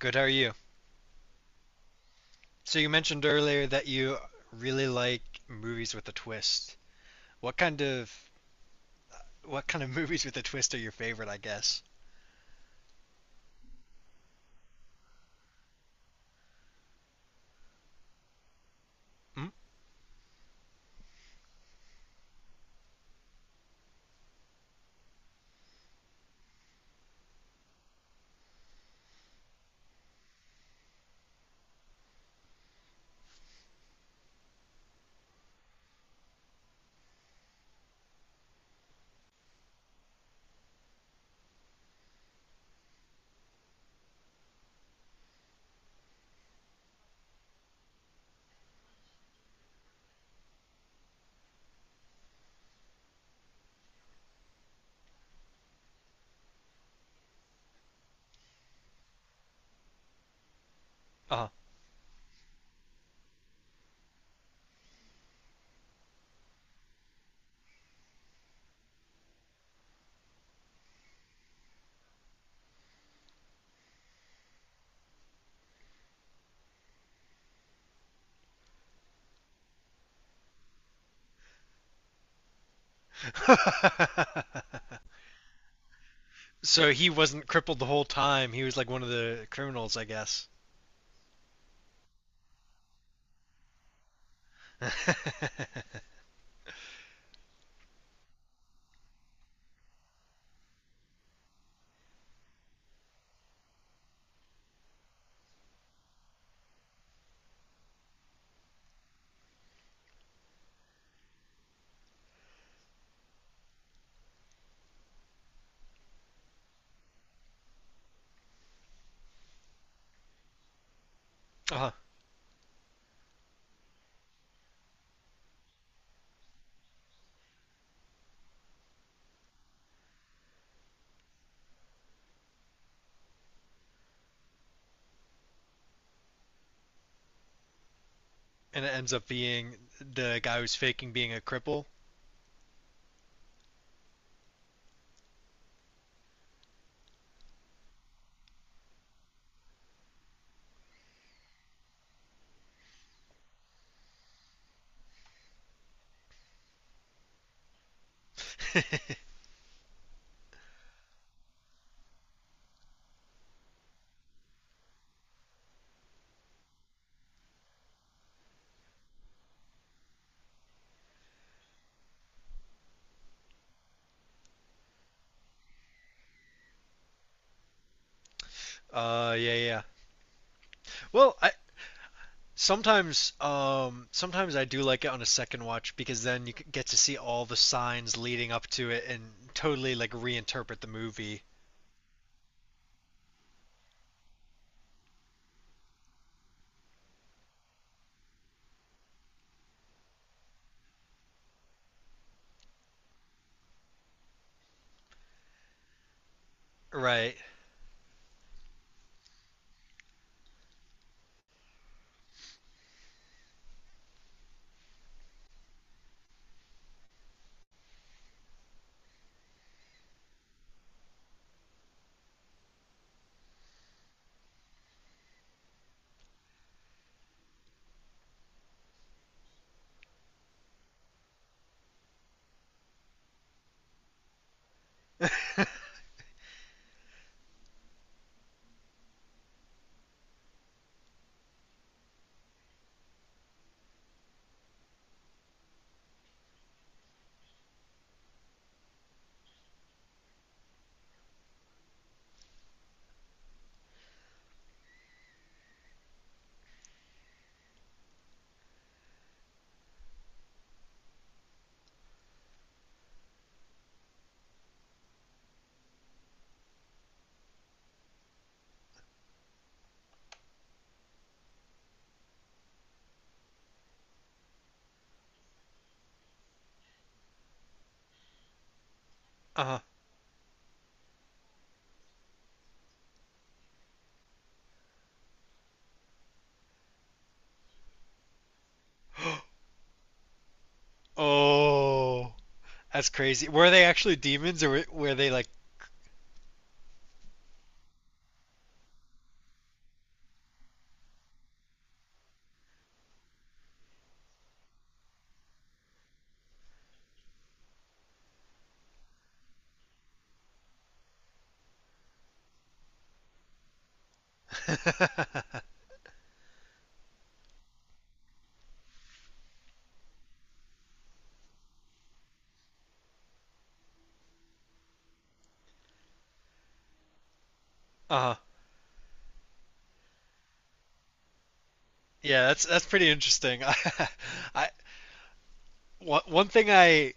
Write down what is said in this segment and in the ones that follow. Good, how are you? So you mentioned earlier that you really like movies with a twist. What kind of what kind of movies with a twist are your favorite, I guess? Hmm? Uh-huh. So he wasn't crippled the whole time. He was like one of the criminals, I guess. Uh-huh. And it ends up being the guy who's faking being a cripple. Yeah, yeah. Well, sometimes I do like it on a second watch because then you get to see all the signs leading up to it and totally like reinterpret the movie. Right. Uh, oh, that's crazy. Were they actually demons or were they like? Uh, yeah, that's pretty interesting. I One thing I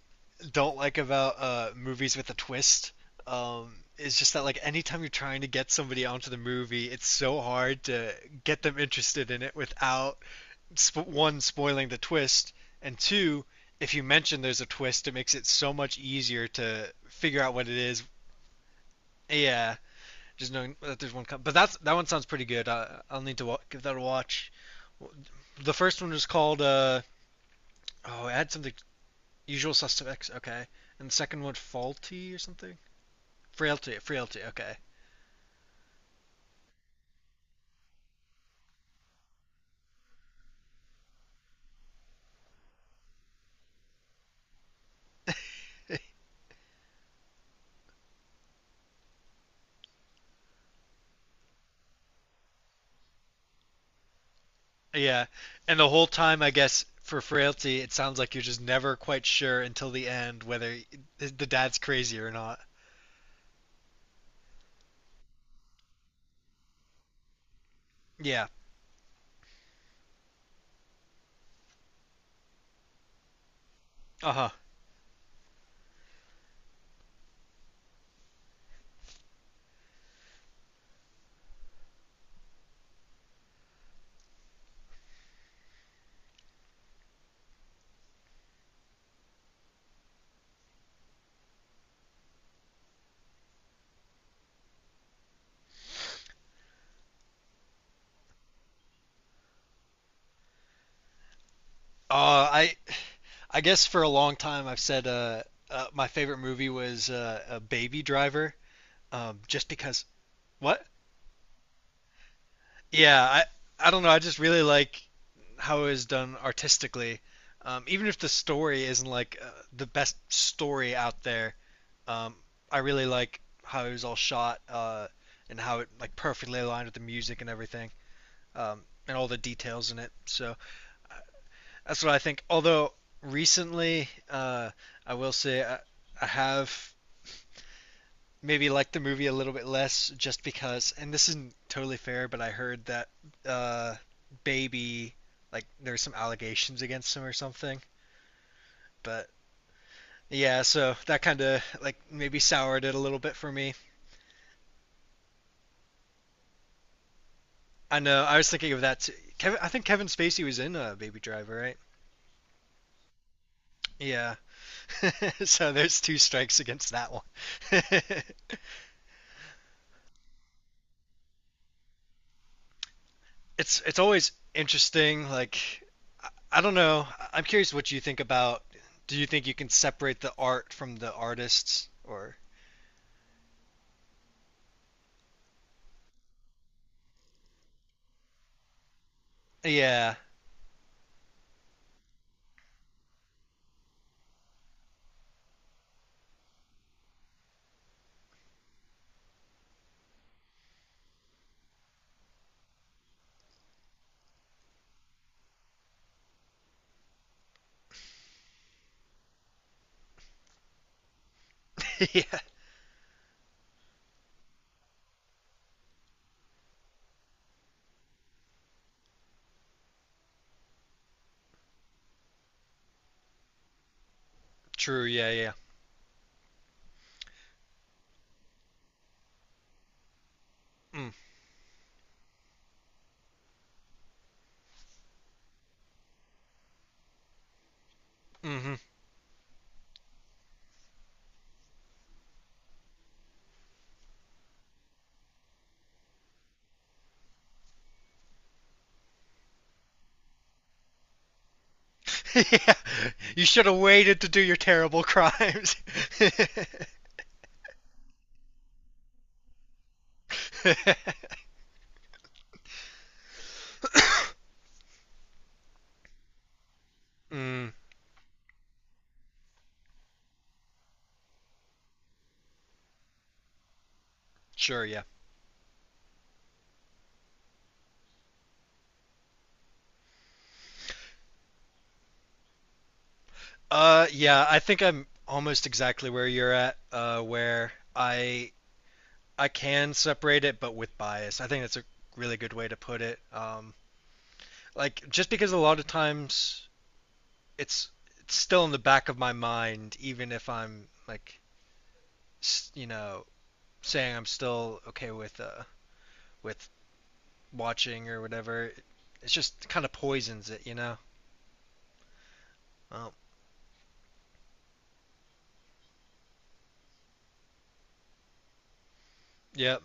don't like about movies with a twist is just that like anytime you're trying to get somebody onto the movie, it's so hard to get them interested in it without one spoiling the twist, and two, if you mention there's a twist, it makes it so much easier to figure out what it is. Yeah, just knowing that there's one. But that's that one sounds pretty good. I'll need to give that a watch. The first one was called oh, it had something. Usual Suspects, okay. And the second one, faulty or something? Frailty. Frailty, okay. Yeah. And the whole time, I guess, for frailty, it sounds like you're just never quite sure until the end whether the dad's crazy or not. Yeah. Uh huh. Uh, I, I guess for a long time I've said my favorite movie was a Baby Driver, just because. What? Yeah. I don't know. I just really like how it was done artistically. Even if the story isn't like the best story out there, um, I really like how it was all shot and how it like perfectly aligned with the music and everything um, and all the details in it. So uh, that's what I think. Although recently, I will say I have maybe liked the movie a little bit less just because, and this isn't totally fair, but I heard that uh, Baby like there's some allegations against him or something. But yeah, so that kind of like maybe soured it a little bit for me. I know. I was thinking of that, too. Kevin, I think Kevin Spacey was in Baby Driver, right? Yeah. So there's two strikes against that one. It's always interesting. Like I don't know. I am curious what you think about. Do you think you can separate the art from the artists? Or yeah. Yeah, true. Yeah, yeah. Mm, hmm. Yeah, you should have waited to do your terrible crimes. Mm, sure, yeah. Yeah, I think I'm almost exactly where you're at. Where I can separate it, but with bias. I think that's a really good way to put it. Like just because a lot of times it's it's still in the back of my mind, even if I'm like, you know, saying I'm still okay with with watching or whatever. It's just kind of poisons it. Well, yeah,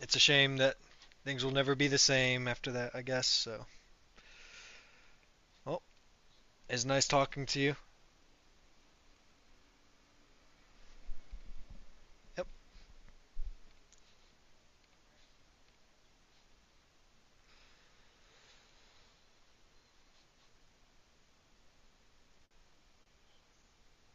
it's a shame that things will never be the same after that, I guess. So, well, it's nice talking to you. Yep.